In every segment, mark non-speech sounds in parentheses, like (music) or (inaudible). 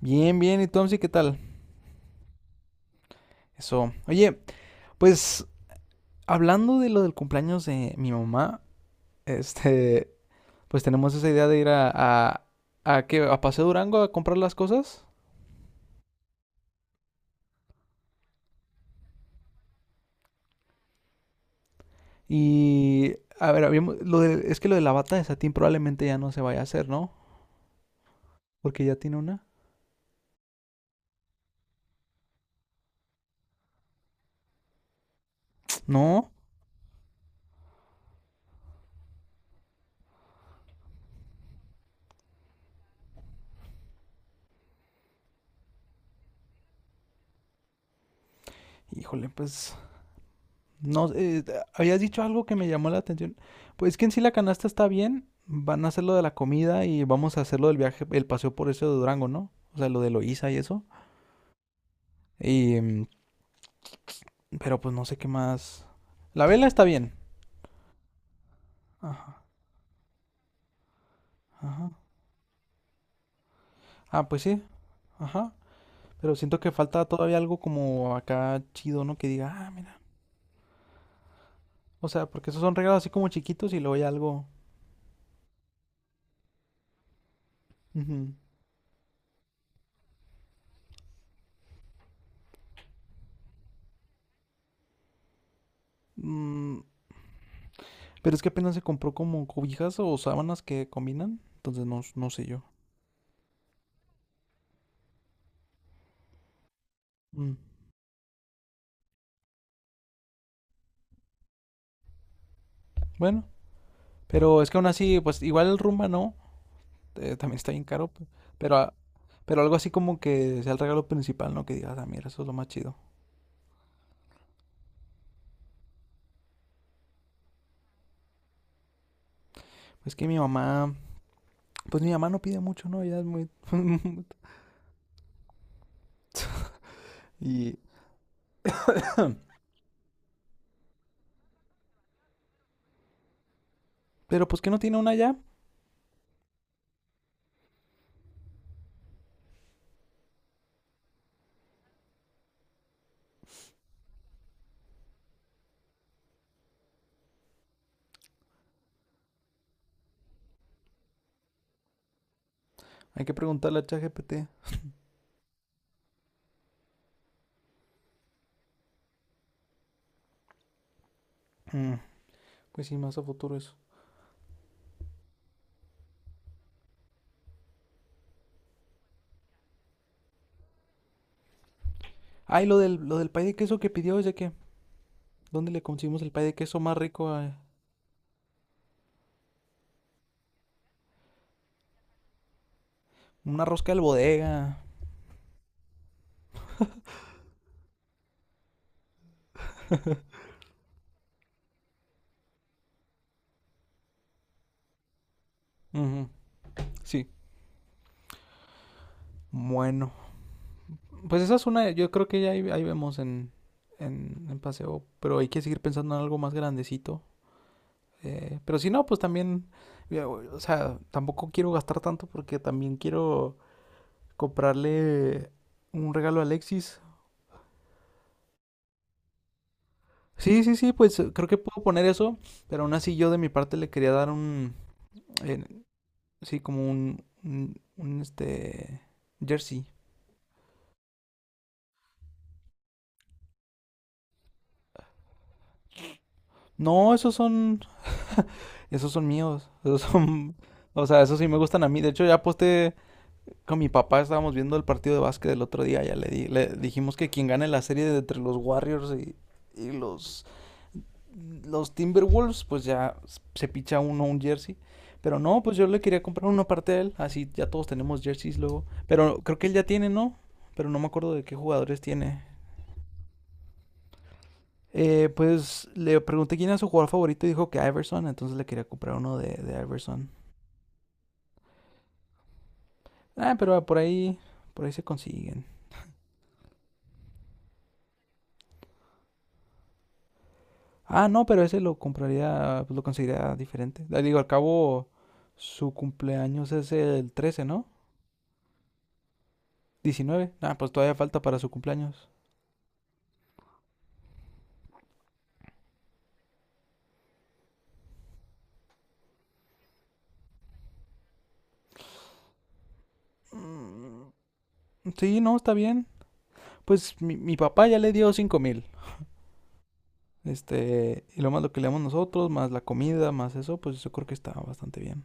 Bien, bien. ¿Y tú, Amsi, qué tal? Eso. Oye, pues hablando de lo del cumpleaños de mi mamá, este, (laughs) pues tenemos esa idea de ir a, ¿qué? A Paseo Durango a comprar las cosas. Y, a ver, es que lo de la bata de satín probablemente ya no se vaya a hacer, ¿no? Porque ya tiene una. No. Híjole, pues no, habías dicho algo que me llamó la atención. Pues es que en sí la canasta está bien. Van a hacer lo de la comida y vamos a hacer lo del viaje, el paseo por eso de Durango, ¿no? O sea, lo de Loíza y eso. Y, mm, pero pues no sé qué más. La vela está bien. Ajá, ajá. Ah, pues sí, ajá. Pero siento que falta todavía algo como acá chido, ¿no? Que diga, ah, mira. O sea, porque esos son regalos así como chiquitos y luego hay algo. Ujú. Mm, pero es que apenas se compró como cobijas o sábanas que combinan. Entonces no, no sé yo. Mm, Bueno, pero es que aún así, pues igual el Rumba no, también está bien caro, pero, a- pero algo así como que sea el regalo principal, ¿no? Que digas, ah, mira, eso es lo más chido. Pues que mi mamá, pues mi mamá no pide mucho, ¿no? Ella es muy. (laughs) Y. Pero pues que no tiene una ya, hay que preguntarle a ChatGPT. Mm, Pues sí, más a futuro eso. Ah, y lo del pay de queso que pidió es de que, ¿dónde le conseguimos el pay de queso más rico? Una rosca del bodega. Ujú, sí, bueno. Pues esa es una, yo creo que ya ahí vemos en, en paseo, pero hay que seguir pensando en algo más grandecito. Pero si no, pues también, ya, o sea, tampoco quiero gastar tanto porque también quiero comprarle un regalo a Alexis. Sí, sí, sí, pues creo que puedo poner eso, pero aún así yo de mi parte le quería dar eh, sí, como un jersey. No, esos son míos, esos son, (laughs) o sea, esos sí me gustan a mí. De hecho, ya posté. Con mi papá estábamos viendo el partido de básquet del otro día, ya le dijimos que quien gane la serie de entre los Warriors y los Timberwolves, pues ya se picha uno un jersey. Pero no, pues yo le quería comprar uno aparte de él, así ya todos tenemos jerseys luego. Pero creo que él ya tiene, ¿no? Pero no me acuerdo de qué jugadores tiene. Pues le pregunté quién era su jugador favorito y dijo que Iverson, entonces le quería comprar uno de Iverson. Ah, pero por ahí se consiguen. Ah, no, pero ese lo compraría, pues lo conseguiría diferente. Ah, digo, al cabo, su cumpleaños es el 13, ¿no? 19. Ah, pues todavía falta para su cumpleaños. Sí, no, está bien. Pues mi papá ya le dio 5000. Y lo más lo que le damos nosotros, más la comida, más eso, pues yo creo que está bastante bien.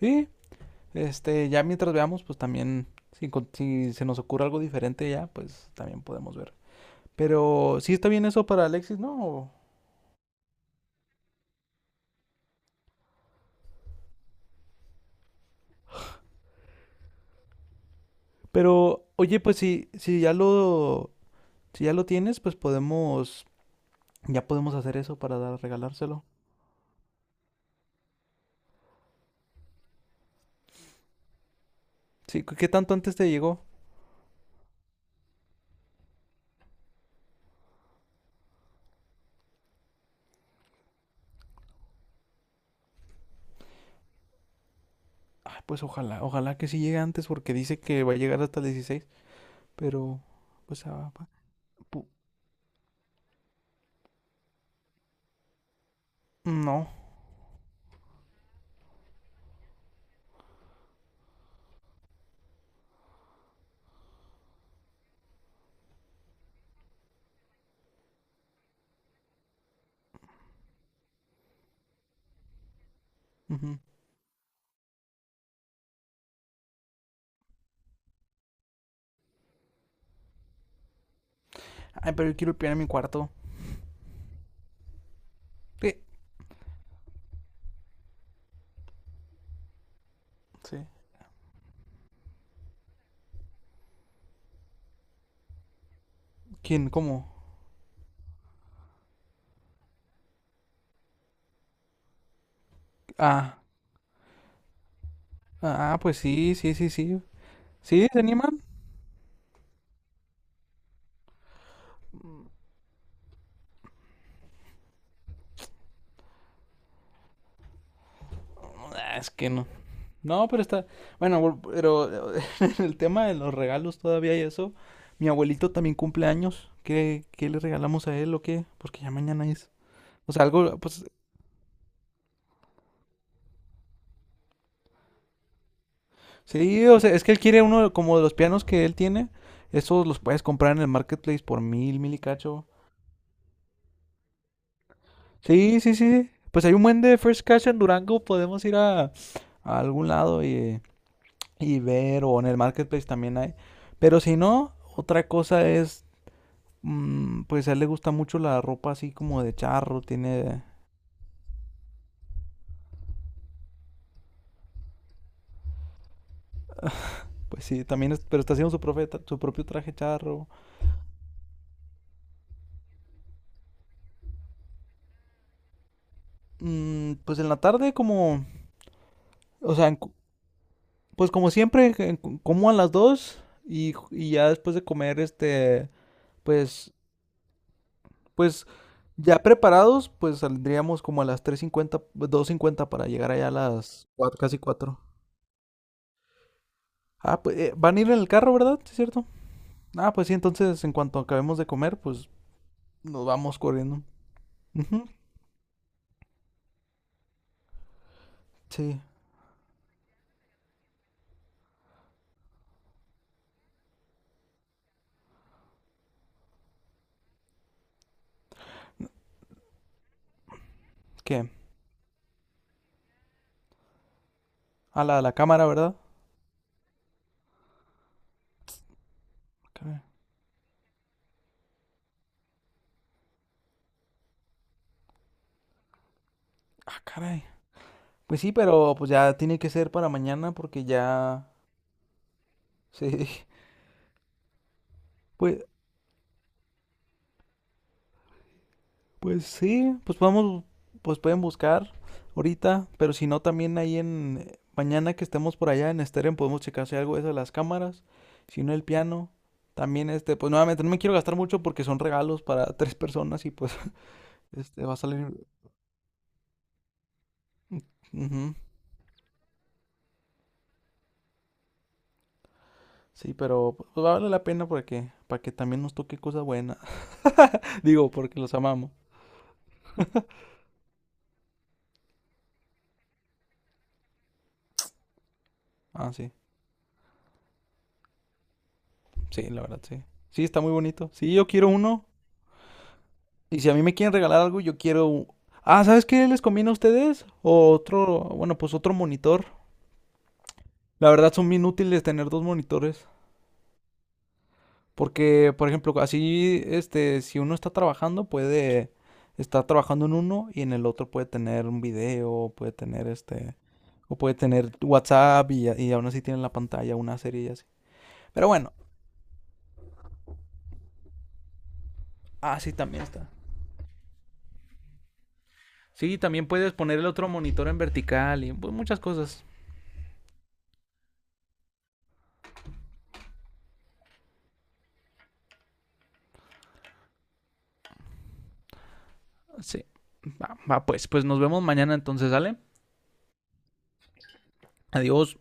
Sí, ya mientras veamos, pues también, si se nos ocurre algo diferente ya, pues también podemos ver. Pero sí está bien eso para Alexis, ¿no? ¿O? Pero, oye, pues si ya lo tienes, pues ya podemos hacer eso para dar, regalárselo. Sí, ¿qué tanto antes te llegó? Ay, pues ojalá, ojalá que sí llegue antes porque dice que va a llegar hasta el 16, pero, pues, pu- no. Ujú. Ay, pero yo quiero el piano en mi cuarto. ¿Qué? Sí. ¿Quién? ¿Cómo? Ah, ah, pues sí, sí, sí, sí. ¿Sí? ¿Se animan? Ah, es que no. No, pero está. Bueno, pero (laughs) en el tema de los regalos todavía y eso. Mi abuelito también cumple años. ¿Qué le regalamos a él o qué? Porque ya mañana es. O sea, algo, pues. Sí, o sea, es que él quiere uno como de los pianos que él tiene. Esos los puedes comprar en el marketplace por 1000, 1000 y cacho. Sí, sí, sí, sí. Pues hay un buen de First Cash en Durango. Podemos ir a, algún lado y ver. O en el marketplace también hay. Pero si no, otra cosa es. Pues a él le gusta mucho la ropa así como de charro, tiene. Pues sí, también, pero está haciendo su propio traje charro. Pues en la tarde como. O sea, pues como siempre, que como a las 2 y ya después de comer, pues, pues, ya preparados, pues saldríamos como a las 3:50, 2:50, para llegar allá a las casi cuatro. Ah, pues van a ir en el carro, ¿verdad? ¿Sí es cierto? Ah, pues sí, entonces en cuanto acabemos de comer, pues nos vamos corriendo. Ujú. Sí. ¿Qué? A la cámara, ¿verdad? Caray. Ah, caray. Pues sí, pero pues ya tiene que ser para mañana porque ya. Sí. (laughs) Pues, pues, sí, pues pueden buscar ahorita, pero si no también ahí en. Mañana que estemos por allá en Steren podemos checar si hay algo de eso de las cámaras, si no el piano. También pues nuevamente no me quiero gastar mucho porque son regalos para (laughs) tres personas y pues (laughs) este va a salir. Ujú. Sí, pero pues, vale la pena para que también nos toque cosas buenas. (laughs) Digo, porque los amamos. Ah, sí. Sí, la verdad, sí. Sí, está muy bonito. Sí, yo quiero uno. Y si a mí me quieren regalar algo, yo quiero. Ah, ¿sabes qué les conviene a ustedes? O otro, bueno, pues otro monitor. La verdad son bien útiles tener dos monitores. Porque, por ejemplo, así, si uno está trabajando, puede estar trabajando en uno y en el otro puede tener un video, puede tener o puede tener WhatsApp y aún así tiene en la pantalla una serie y así. Pero bueno, así también está. Sí, también puedes poner el otro monitor en vertical y pues, muchas cosas. Sí. Va, va, pues, nos vemos mañana entonces, ¿sale? Adiós.